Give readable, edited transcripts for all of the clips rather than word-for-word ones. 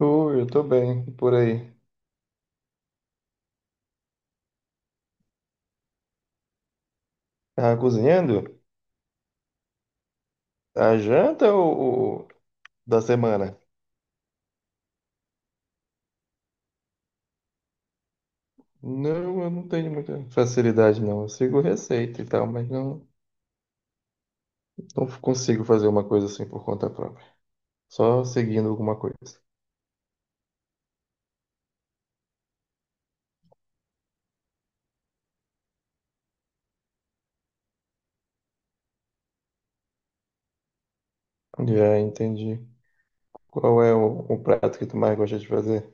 Oi, eu tô bem, e por aí. Tava cozinhando? A janta ou da semana? Não, eu não tenho muita facilidade, não. Eu sigo receita e tal, não consigo fazer uma coisa assim por conta própria. Só seguindo alguma coisa. Já entendi. Qual é o prato que tu mais gosta de fazer?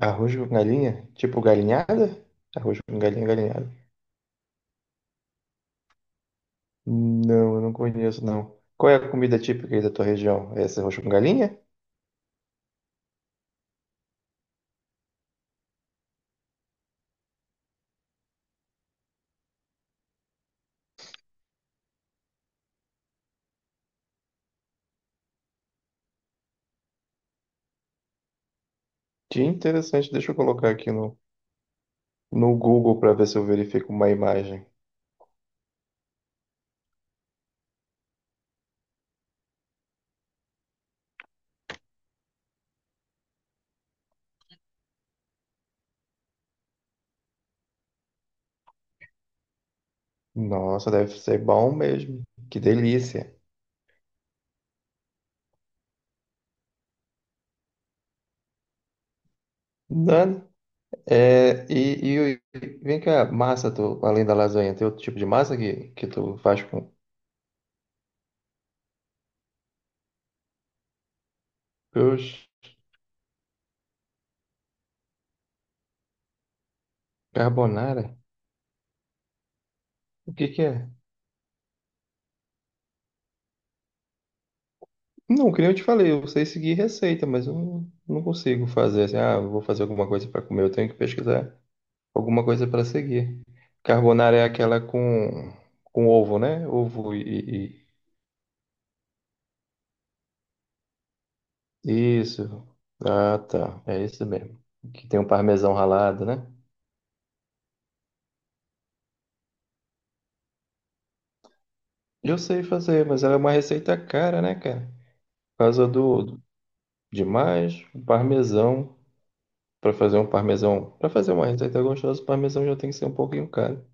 Arroz com galinha? Tipo galinhada? Arroz com galinha, galinhada. Não, eu não conheço, não. Qual é a comida típica aí da tua região? É esse arroz com galinha? Que interessante, deixa eu colocar aqui no Google para ver se eu verifico uma imagem. Nossa, deve ser bom mesmo. Que delícia. Nani, e vem cá, massa, tu, além da lasanha, tem outro tipo de massa que tu faz com os carbonara? O que que é? Não, que nem eu te falei, eu sei seguir receita, mas eu não, não consigo fazer assim, ah, eu vou fazer alguma coisa para comer, eu tenho que pesquisar alguma coisa para seguir. Carbonara é aquela com ovo, né? Ovo e… Isso. Ah, tá. É isso mesmo. Que tem um parmesão ralado, né? Eu sei fazer, mas ela é uma receita cara, né, cara? Por causa do demais, o parmesão. Pra fazer um parmesão, pra fazer uma receita gostosa, o parmesão já tem que ser um pouquinho caro.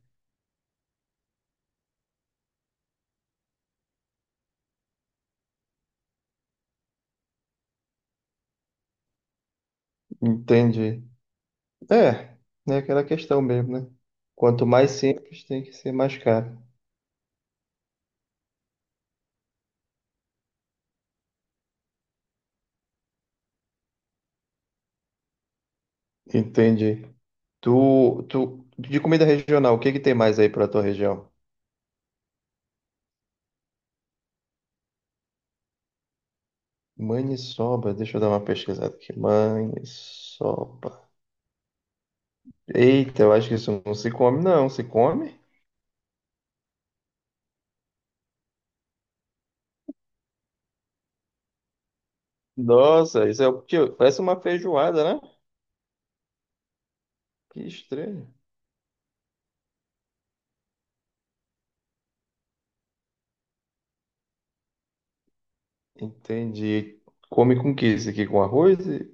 Entendi. É, é aquela questão mesmo, né? Quanto mais simples, tem que ser mais caro. Entendi. De comida regional, o que que tem mais aí pra tua região? Maniçoba, deixa eu dar uma pesquisada aqui. Maniçoba. Eita, eu acho que isso não se come, não. Se come? Nossa, isso é o que parece uma feijoada, né? Que estranho. Entendi. Come com o que isso aqui? Com arroz? E…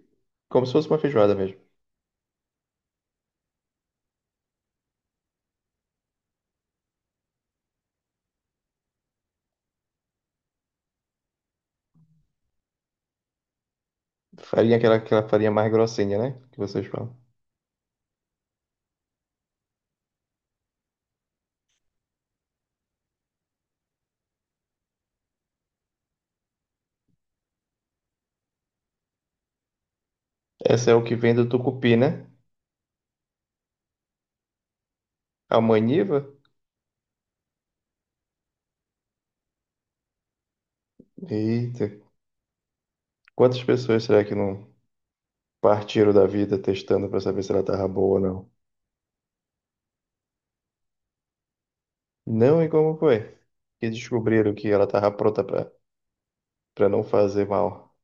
Como se fosse uma feijoada mesmo. Farinha, aquela farinha mais grossinha, né? Que vocês falam. Essa é o que vem do Tucupi, né? A maniva? Eita. Quantas pessoas será que não partiram da vida testando pra saber se ela tava boa ou não? Não, e como foi? Que descobriram que ela tava pra não fazer mal.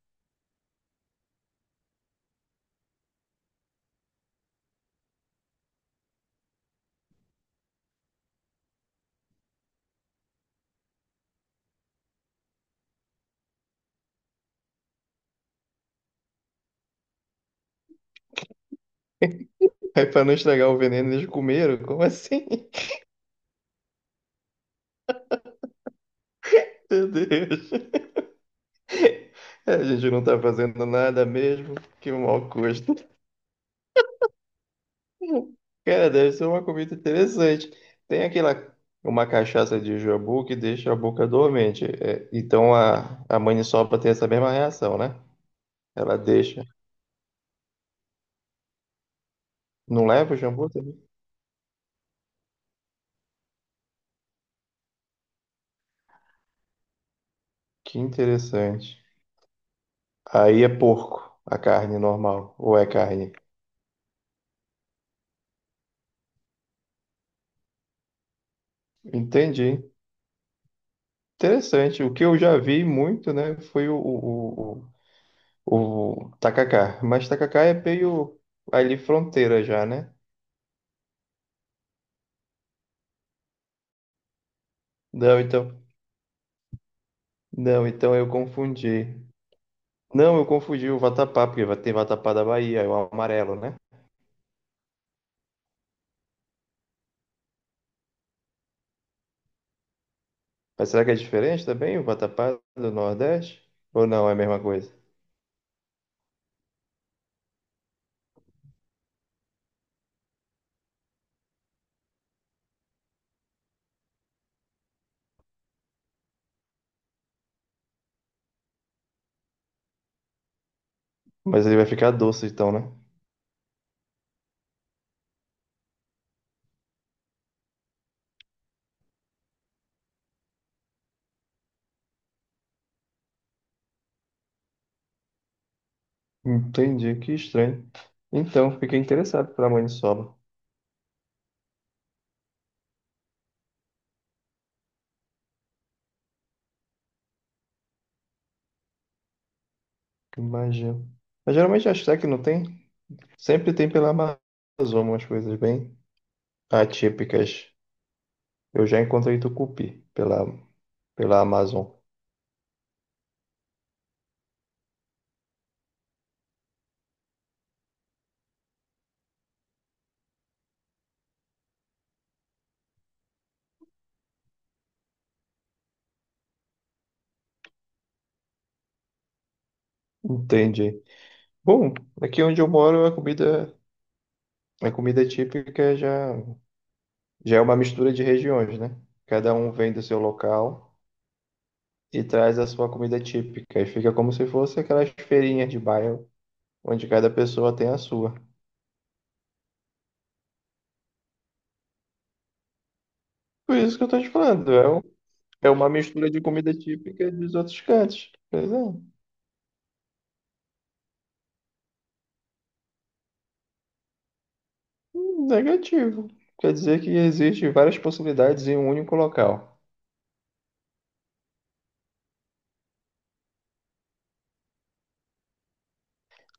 Aí pra não estragar o veneno, eles comeram? Como assim? Meu Deus. É, a gente não tá fazendo nada mesmo. Que mau gosto. Cara, deve ser uma comida interessante. Tem aquela, uma cachaça de jambu que deixa a boca dormente. É, então a maniçoba tem essa mesma reação, né? Ela deixa. Não leva o jambu também? Que interessante. Aí é porco, a carne normal, ou é carne. Entendi. Interessante. O que eu já vi muito, né, foi o tacacá. Mas tacacá é meio ali fronteira já, né? Não, então, não, então eu confundi. Não, eu confundi o vatapá, porque tem vatapá da Bahia, é o amarelo, né? Mas será que é diferente também o vatapá do Nordeste? Ou não, é a mesma coisa? Mas ele vai ficar doce então, né? Entendi, que estranho. Então, fiquei interessado pela maniçoba. Que magia. Mas geralmente acho que não tem. Sempre tem pela Amazônia umas coisas bem atípicas. Eu já encontrei tucupi pela Amazon. Entendi. Bom, aqui onde eu moro a comida típica já é uma mistura de regiões, né? Cada um vem do seu local e traz a sua comida típica. E fica como se fosse aquelas feirinhas de bairro onde cada pessoa tem a sua. Por isso que eu tô te falando, é um… É uma mistura de comida típica dos outros cantos. Pois é. Negativo. Quer dizer que existem várias possibilidades em um único local.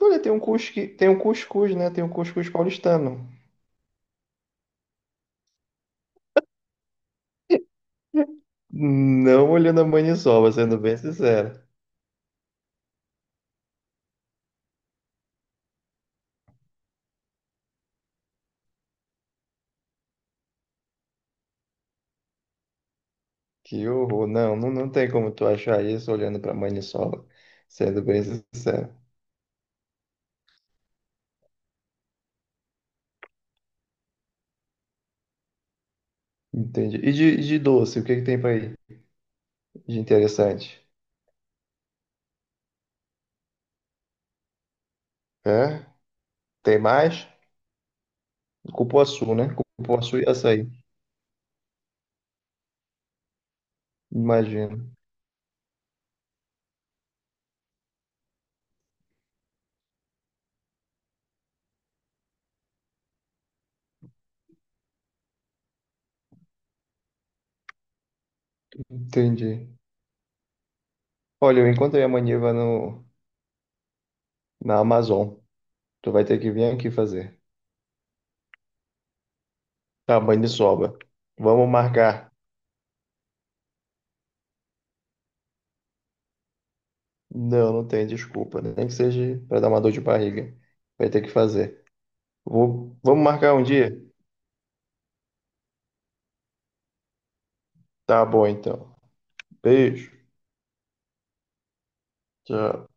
Olha, tem um tem um cuscuz, né? Tem um cuscuz paulistano. Não olhando a maniçoba, sendo bem sincero. Que horror. Não tem como tu achar isso olhando pra maniçoba, sendo bem sincero. Entendi. E de doce, o que que tem pra aí de interessante? É? Tem mais? Cupuaçu, né? Cupuaçu e açaí, imagino. Entendi. Olha, eu encontrei a maniva no, na Amazon. Tu vai ter que vir aqui fazer. Tamanho de sobra. Vamos marcar. Não, não tem desculpa, né? Nem que seja para dar uma dor de barriga. Vai ter que fazer. Vamos marcar um dia? Tá bom, então. Beijo. Tchau.